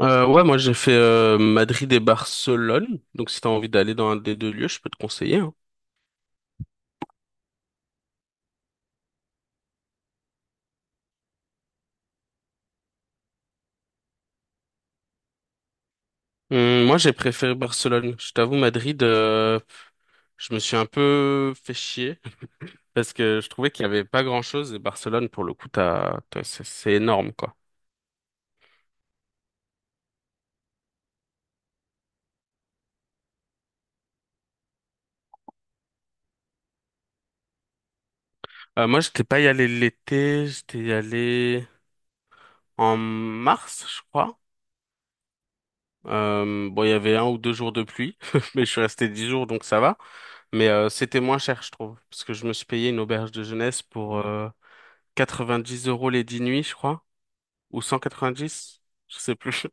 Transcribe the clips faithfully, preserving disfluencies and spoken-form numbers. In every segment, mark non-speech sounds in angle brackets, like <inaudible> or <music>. Euh, ouais, moi j'ai fait euh, Madrid et Barcelone. Donc si t'as envie d'aller dans un des deux lieux, je peux te conseiller, hein. Hum, moi j'ai préféré Barcelone. Je t'avoue, Madrid, euh, je me suis un peu fait chier <laughs> parce que je trouvais qu'il y avait pas grand-chose et Barcelone, pour le coup, t'as, t'as- c'est c'est énorme quoi. Euh, moi j'étais pas y allé l'été, j'étais y allé en mars, je crois. Euh, bon, il y avait un ou deux jours de pluie, <laughs> mais je suis resté dix jours donc ça va. Mais euh, c'était moins cher, je trouve, parce que je me suis payé une auberge de jeunesse pour euh, quatre-vingt-dix euros les dix nuits, je crois, ou cent quatre-vingt-dix, je sais plus.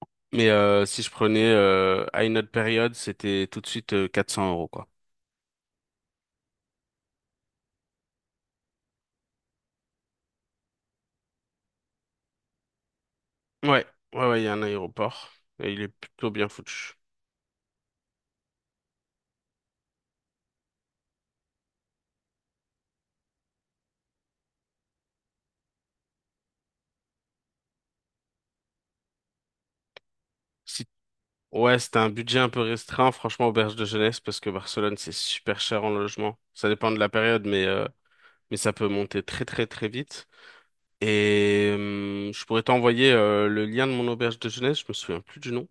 <laughs> Mais euh, si je prenais euh, à une autre période, c'était tout de suite euh, quatre cents euros, quoi. Ouais, ouais, ouais, il y a un aéroport et il est plutôt bien foutu. Si... Ouais, c'était un budget un peu restreint, franchement, auberge de jeunesse, parce que Barcelone, c'est super cher en logement. Ça dépend de la période, mais, euh, mais ça peut monter très, très, très vite. Et hum, je pourrais t'envoyer euh, le lien de mon auberge de jeunesse, je me souviens plus du nom.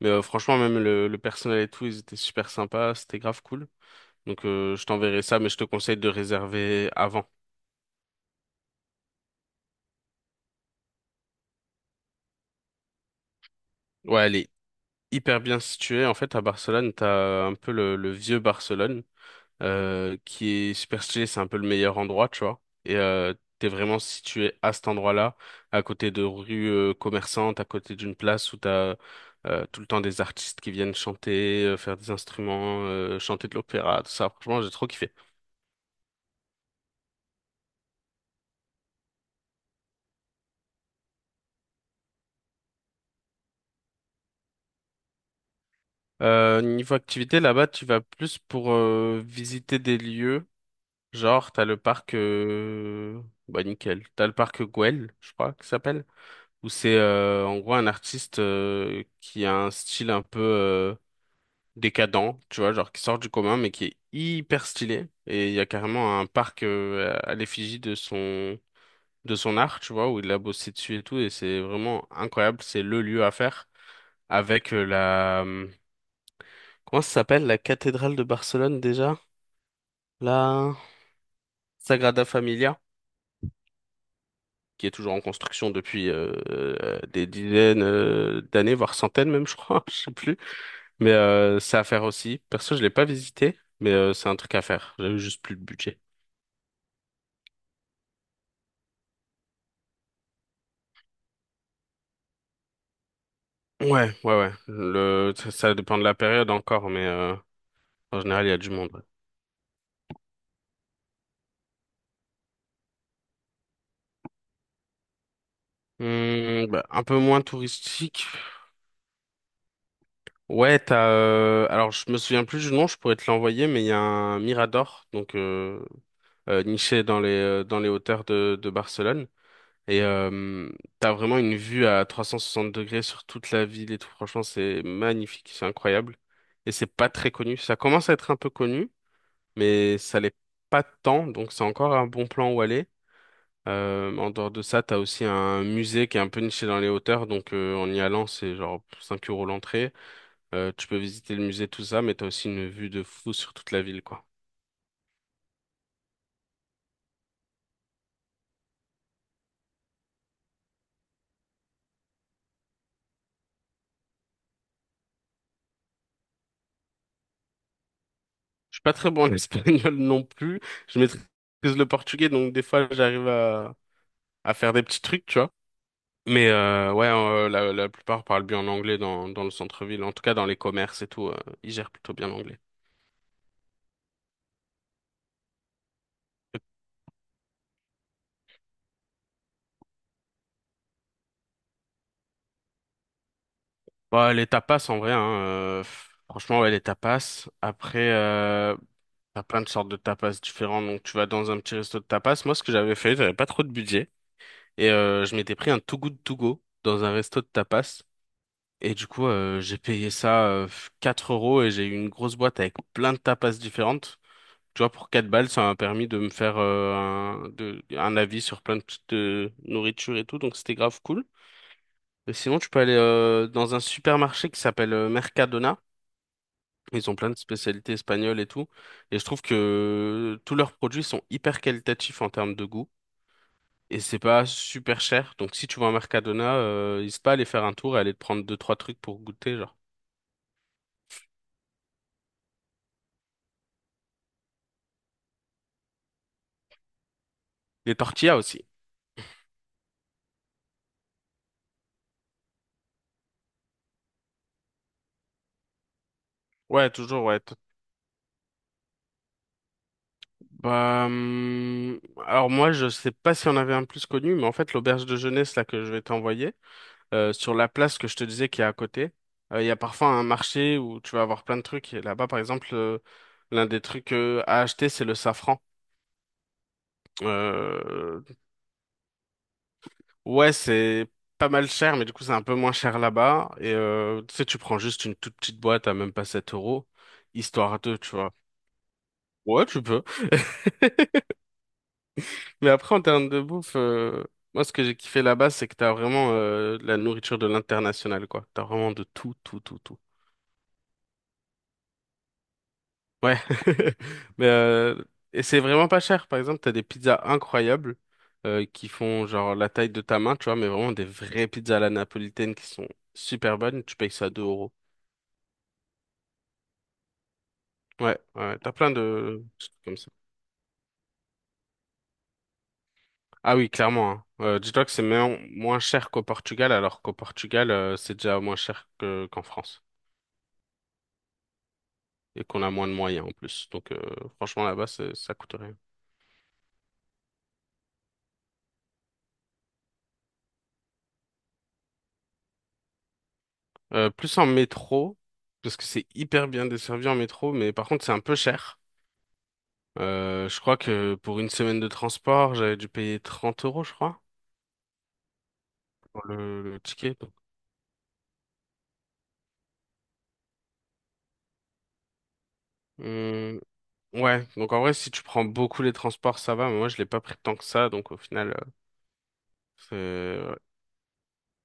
Mais euh, franchement, même le, le personnel et tout, ils étaient super sympas, c'était grave cool. Donc euh, je t'enverrai ça, mais je te conseille de réserver avant. Ouais, elle est hyper bien située. En fait, à Barcelone, t'as un peu le, le vieux Barcelone, euh, qui est super stylé, c'est un peu le meilleur endroit, tu vois. Et euh, t'es vraiment situé à cet endroit-là, à côté de rues euh, commerçantes, à côté d'une place où t'as euh, tout le temps des artistes qui viennent chanter, euh, faire des instruments, euh, chanter de l'opéra, tout ça. Franchement, j'ai trop kiffé. Euh, niveau activité, là-bas, tu vas plus pour euh, visiter des lieux. Genre, t'as le parc... euh, Bah, nickel. T'as le parc Güell, je crois, qui s'appelle. Où c'est euh, en gros un artiste euh, qui a un style un peu euh, décadent, tu vois, genre qui sort du commun, mais qui est hyper stylé. Et il y a carrément un parc euh, à l'effigie de son... de son art, tu vois, où il a bossé dessus et tout. Et c'est vraiment incroyable. C'est le lieu à faire. Avec euh, la hum, comment ça s'appelle la cathédrale de Barcelone déjà? La Sagrada Familia, qui est toujours en construction depuis euh, euh, des dizaines euh, d'années, voire centaines même, je crois, <laughs> je sais plus. Mais euh, c'est à faire aussi. Perso, je l'ai pas visité, mais euh, c'est un truc à faire. J'avais juste plus de budget. Ouais, ouais, ouais. Le, ça, ça dépend de la période encore, mais euh, en général, il y a du monde. Ouais. Hmm, bah, un peu moins touristique. Ouais, t'as. Euh, alors, je me souviens plus du nom, je pourrais te l'envoyer, mais il y a un Mirador, donc euh, euh, niché dans les euh, dans les hauteurs de, de Barcelone. Et euh, t'as vraiment une vue à trois cent soixante degrés sur toute la ville et tout. Franchement, c'est magnifique, c'est incroyable. Et c'est pas très connu. Ça commence à être un peu connu, mais ça l'est pas tant. Donc c'est encore un bon plan où aller. Euh, en dehors de ça, t'as aussi un musée qui est un peu niché dans les hauteurs. Donc euh, en y allant, c'est genre cinq euros l'entrée. Euh, tu peux visiter le musée, tout ça, mais t'as aussi une vue de fou sur toute la ville, quoi. Suis pas très bon en <laughs> espagnol non plus. Je maîtrise le portugais, donc des fois j'arrive à, à faire des petits trucs, tu vois. Mais euh, ouais, euh, la, la plupart parlent bien l'anglais dans, dans le centre-ville, en tout cas dans les commerces et tout, euh, ils gèrent plutôt bien l'anglais. Bah, les tapas en vrai, hein, euh, franchement ouais les tapas. Après, euh, t'as plein de sortes de tapas différents, donc tu vas dans un petit resto de tapas. Moi ce que j'avais fait, j'avais pas trop de budget et euh, je m'étais pris un Too Good To Go dans un resto de tapas. Et du coup, euh, j'ai payé ça euh, quatre euros et j'ai eu une grosse boîte avec plein de tapas différentes. Tu vois, pour quatre balles, ça m'a permis de me faire euh, un, de- un avis sur plein de petites euh, nourritures et tout, donc c'était grave cool. Et sinon, tu peux aller euh, dans un supermarché qui s'appelle euh, Mercadona. Ils ont plein de spécialités espagnoles et tout. Et je trouve que tous leurs produits sont hyper qualitatifs en termes de goût. Et c'est pas super cher. Donc si tu vas à Mercadona, euh, n'hésite pas à aller faire un tour et aller te prendre deux trois trucs pour goûter, genre. Des tortillas aussi. Ouais, toujours, ouais. t- Bah, hum, alors moi, je sais pas si on avait un plus connu, mais en fait, l'auberge de jeunesse là que je vais t'envoyer, euh, sur la place que je te disais qui est à côté, euh, il y a parfois un marché où tu vas avoir plein de trucs. Et là-bas, par exemple, euh, l'un des trucs euh, à acheter, c'est le safran. Euh, ouais, c'est pas mal cher, mais du coup, c'est un peu moins cher là-bas. Et euh, tu sais, tu prends juste une toute petite boîte à même pas sept euros, histoire de, tu vois. Ouais, tu peux. <laughs> Mais après, en termes de bouffe, euh, moi, ce que j'ai kiffé là-bas, c'est que t'as vraiment euh, la nourriture de l'international, quoi. T'as vraiment de tout, tout, tout, tout. Ouais. <laughs> Mais, euh, et c'est vraiment pas cher. Par exemple, t'as des pizzas incroyables euh, qui font genre la taille de ta main, tu vois, mais vraiment des vraies pizzas à la napolitaine qui sont super bonnes. Tu payes ça deux euros. Ouais, ouais. T'as plein de trucs comme ça. Ah oui, clairement, hein. Euh, dis-toi que c'est même moins cher qu'au Portugal, alors qu'au Portugal, euh, c'est déjà moins cher que qu'en France. Et qu'on a moins de moyens en plus. Donc euh, franchement là-bas c'est- ça coûte rien. Euh, plus en métro parce que c'est hyper bien desservi en métro, mais par contre c'est un peu cher. Euh, je crois que pour une semaine de transport j'avais dû payer trente euros je crois pour le, le ticket. Donc, hum, ouais donc en vrai si tu prends beaucoup les transports ça va, mais moi je l'ai pas pris tant que ça donc au final euh,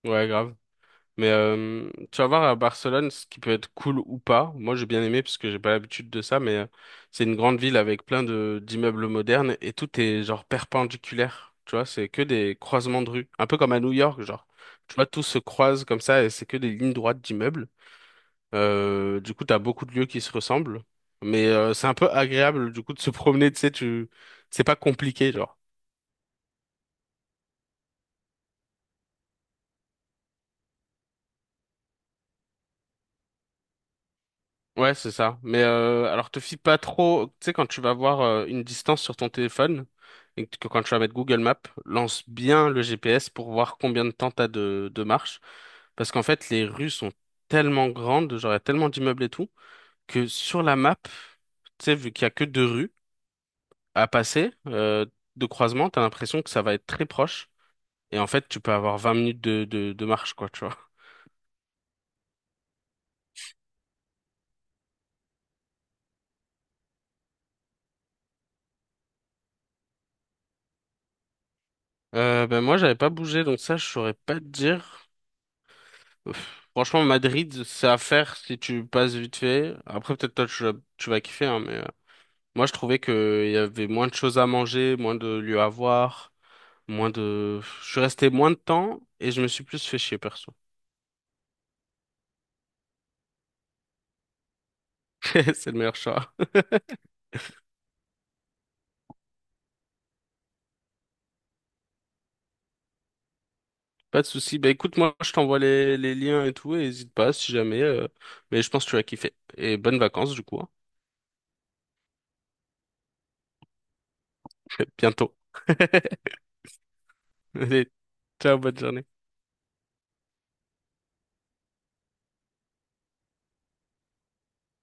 c'est ouais grave. Mais euh, tu vas voir à Barcelone ce qui peut être cool ou pas. Moi, j'ai bien aimé parce que j'ai pas l'habitude de ça, mais euh, c'est une grande ville avec plein de d'immeubles modernes et tout est genre perpendiculaire. Tu vois, c'est que des croisements de rues, un peu comme à New York, genre. Tu vois, tout se croise comme ça et c'est que des lignes droites d'immeubles. Euh, du coup, t'as beaucoup de lieux qui se ressemblent, mais euh, c'est un peu agréable du coup de se promener. Tu sais, tu c'est pas compliqué, genre. Ouais, c'est ça. Mais euh, alors te fie pas trop, tu sais, quand tu vas voir euh, une distance sur ton téléphone et que quand tu vas mettre Google Maps, lance bien le G P S pour voir combien de temps t'as de, de marche. Parce qu'en fait, les rues sont tellement grandes, genre il y a tellement d'immeubles et tout, que sur la map, tu sais, vu qu'il y a que deux rues à passer euh, de croisement, t'as l'impression que ça va être très proche. Et en fait, tu peux avoir vingt minutes de, de, de marche, quoi, tu vois. Euh, ben moi, j'avais pas bougé, donc ça, je saurais pas te dire. Pff, franchement, Madrid, c'est à faire si tu passes vite fait. Après, peut-être toi, tu, tu vas kiffer, hein, mais euh, moi, je trouvais que il y avait moins de choses à manger, moins de lieux à voir, moins de... Je suis resté moins de temps et je me suis plus fait chier, perso. <laughs> C'est le meilleur choix. <laughs> Pas de souci. Bah écoute, moi, je t'envoie les, les liens et tout, et n'hésite pas si jamais. euh, Mais je pense que tu vas kiffer. Et bonnes vacances, du coup, hein. <laughs> Bientôt. <laughs> Allez, ciao, bonne journée.